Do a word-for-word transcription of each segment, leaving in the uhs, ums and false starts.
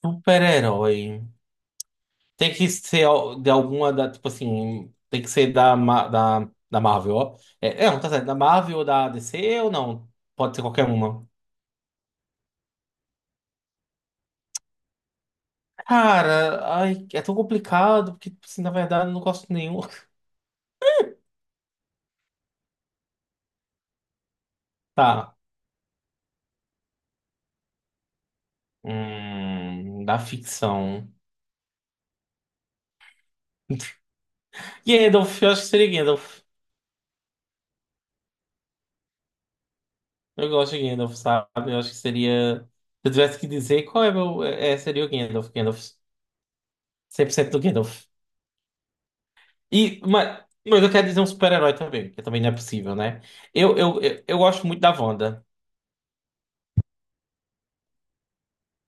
Super-herói. Tem que ser al- de alguma da, tipo assim, tem que ser da, Ma- da, da Marvel, ó. É, é, não, tá certo. Da Marvel ou da D C ou não? Pode ser qualquer uma. Cara, ai, é tão complicado, porque, tipo assim, na verdade, eu não gosto de nenhum. Tá. Hum, da ficção. Gandalf, eu acho que seria Gandalf. Eu gosto de Gandalf, sabe? Eu acho que seria. Se eu tivesse que dizer qual é meu. É, é, seria o Gandalf. Gandalf. cem por cento do Gandalf. E, mas, mas eu quero dizer um super-herói também, que também não é possível, né? Eu, eu, eu, eu gosto muito da Wanda.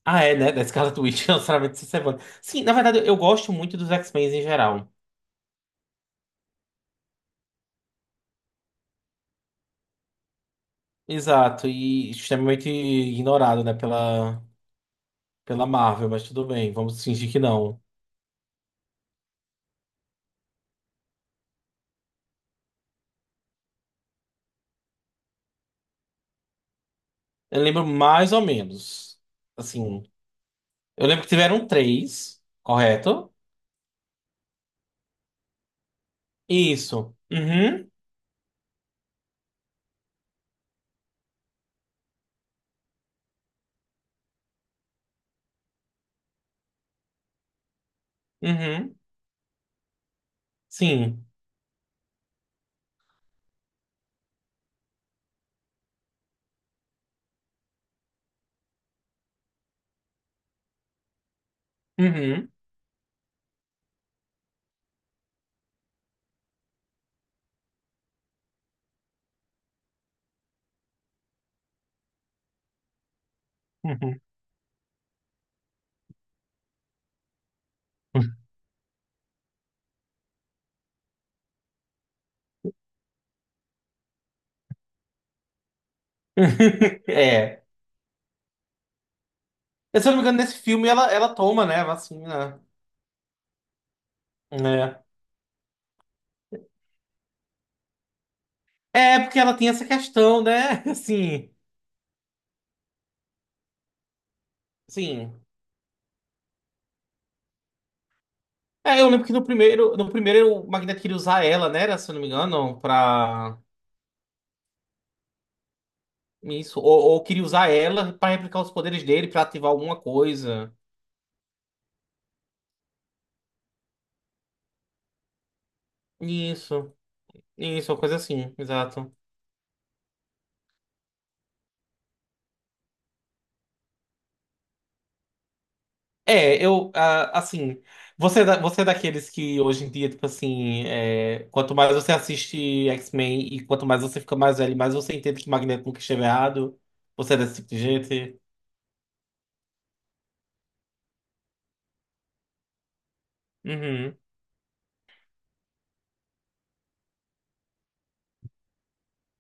Ah, é, né? Da Scarlet Witch, não necessariamente se Wanda. Sim, na verdade, eu gosto muito dos X-Men em geral. Exato, e extremamente ignorado, né, pela, pela Marvel, mas tudo bem, vamos fingir que não. Eu lembro mais ou menos. Assim, eu lembro que tiveram três, correto? Isso. Uhum, uhum, sim. Uhum, uhum. É. Eu, se eu não me engano, nesse filme ela, ela toma, né, a vacina. Né? É, porque ela tem essa questão, né? Assim, sim. É, eu lembro que no primeiro, no primeiro o Magneto queria usar ela, né? Era, se eu não me engano, pra. Isso. Ou, ou queria usar ela pra replicar os poderes dele, pra ativar alguma coisa. Isso. Isso, uma coisa assim, exato. É, eu, ah, assim, você, é da- você é daqueles que hoje em dia, tipo assim, é, quanto mais você assiste X-Men e quanto mais você fica mais velho, mais você entende que o Magneto nunca esteve errado. Você é desse tipo de gente? Uhum,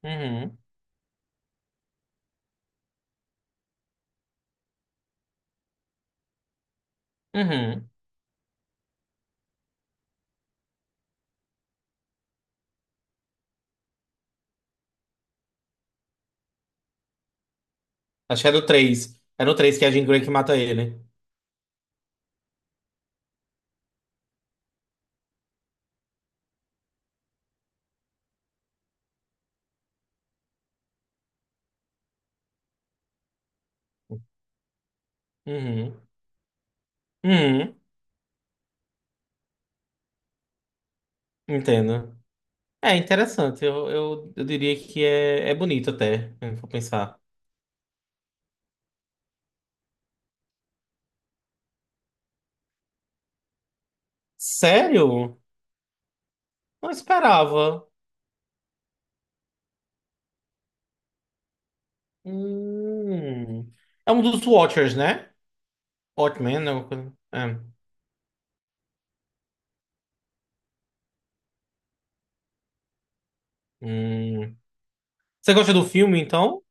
uhum, uhum. Acho que é no três. É no três que é a Jean Grey que mata ele. Uhum, uhum, entendo. É interessante, eu, eu, eu diria que é, é bonito até, se for pensar. Sério? Não esperava. Hum. É um dos Watchers, né? Watchmen, né? Alguma coisa. É. Hum. Você gosta do filme, então?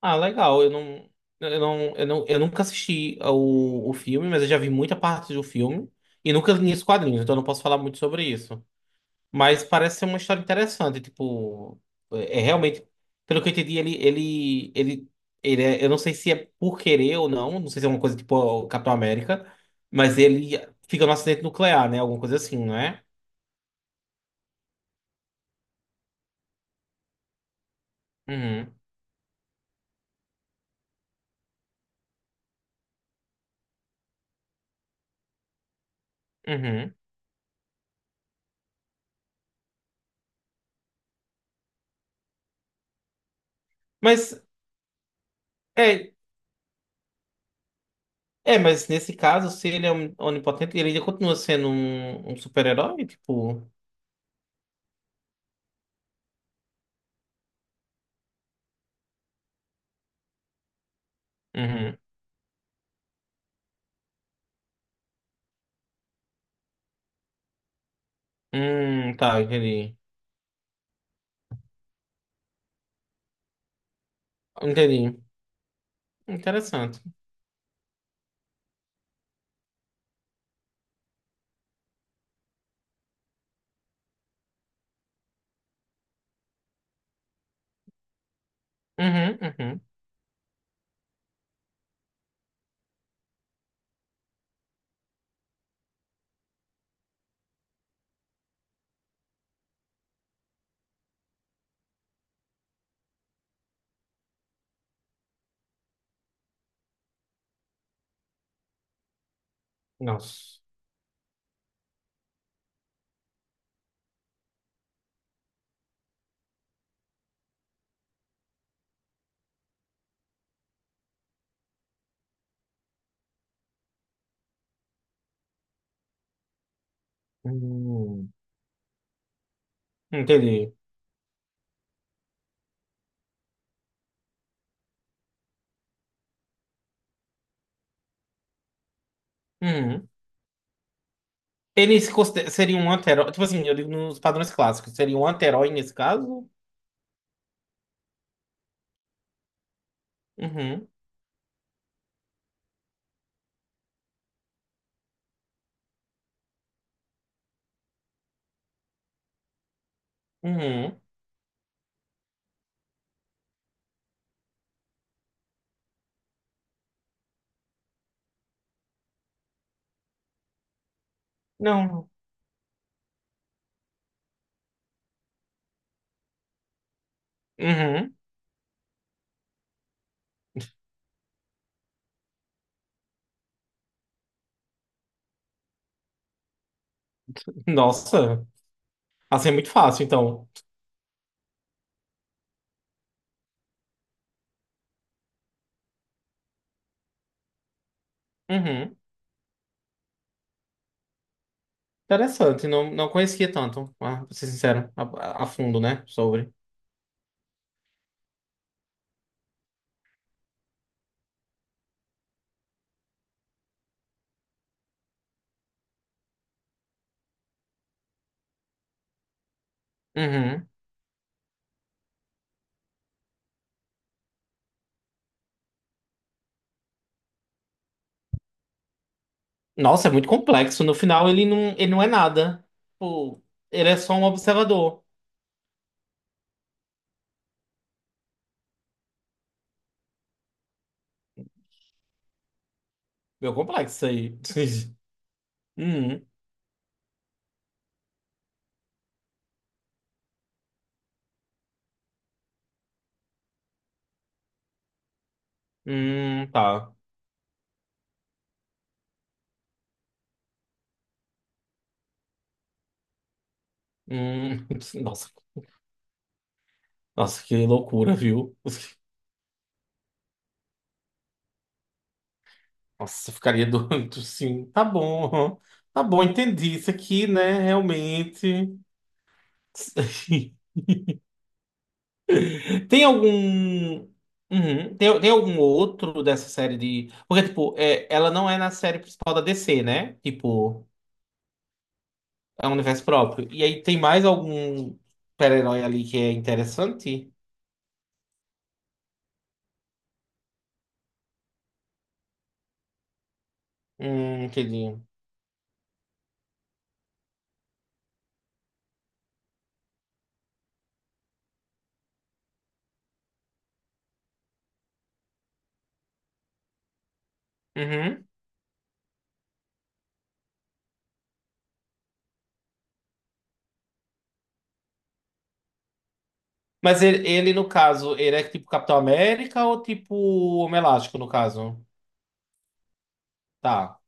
Ah, legal. Eu não, eu não, eu não, eu nunca assisti o, o filme, mas eu já vi muita parte do filme e nunca li os quadrinhos, então eu não posso falar muito sobre isso. Mas parece ser uma história interessante, tipo, é é realmente, pelo que eu entendi, ele, ele, ele, ele é, eu não sei se é por querer ou não, não sei se é uma coisa tipo o Capitão América, mas ele fica num acidente nuclear, né? Alguma coisa assim, não é? Uhum, uhum. Mas, é, é, mas nesse caso, se ele é um- onipotente, ele ainda continua sendo um, um super-herói, tipo, uhum. Hum, tá, entendi. Entendi. Interessante. Uhum, uhum. Nossa. Hum, entendi. Uhum. Ele se considera- Seria um anti-herói. Tipo assim, eu digo nos padrões clássicos. Seria um anti-herói nesse caso? Uhum. Uhum. Não. Uhum. Nossa. Assim é muito fácil, então. Uhum. Interessante. Não, não conhecia tanto, ah, pra ser sincero, a, a fundo, né? Sobre. Uhum. Nossa, é muito complexo. No final, ele não, ele não é nada. Tipo, ele é só um observador. Meu complexo isso aí. Uhum. Hum, tá. Hum. Nossa. Nossa, que loucura, viu? Nossa, eu ficaria doido, sim. Tá bom, tá bom, entendi isso aqui, né? Realmente. Tem algum. Uhum. Tem, tem algum outro dessa série de. Porque, tipo, é, ela não é na série principal da D C, né? Tipo, é um universo próprio. E aí tem mais algum super-herói ali que é interessante? Hum, entendi. Uhum. Mas ele, ele, no caso, ele é tipo Capitão América ou tipo Homem Elástico, no caso? Tá.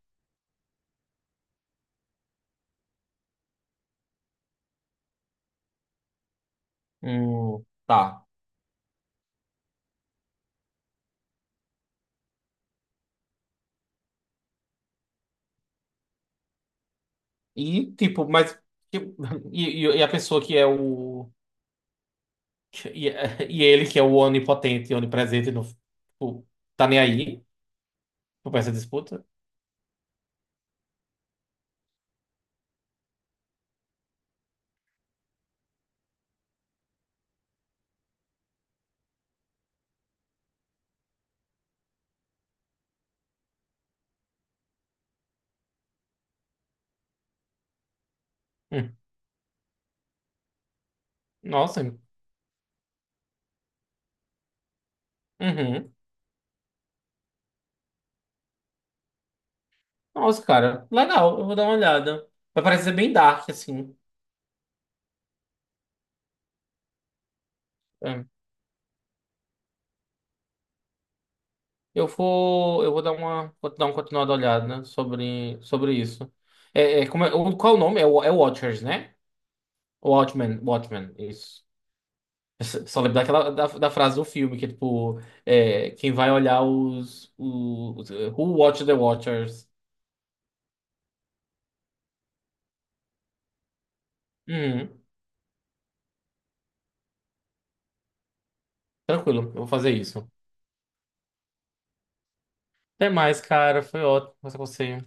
Hum, tá. E, tipo, mas. Tipo, E, e- e a pessoa que é o. E, e ele, que é o onipotente, onipresente, não, tipo, tá nem aí pra essa disputa. Hum, Nossa. Uhum. Nossa, cara. Legal, eu vou dar uma olhada. Vai parecer bem dark, assim. É. Eu vou. Eu vou dar uma. Vou dar uma continuada olhada né, sobre, sobre isso. É, é, como é- o- qual é o nome? É, o- é Watchers, né? Watchmen. Watchmen, isso. Só lembro daquela da, da frase do filme, que é tipo, é, quem vai olhar os, os. eh, Who watch the Watchers? Uhum, tranquilo, eu vou fazer isso. Até mais, cara. Foi ótimo conversar com você.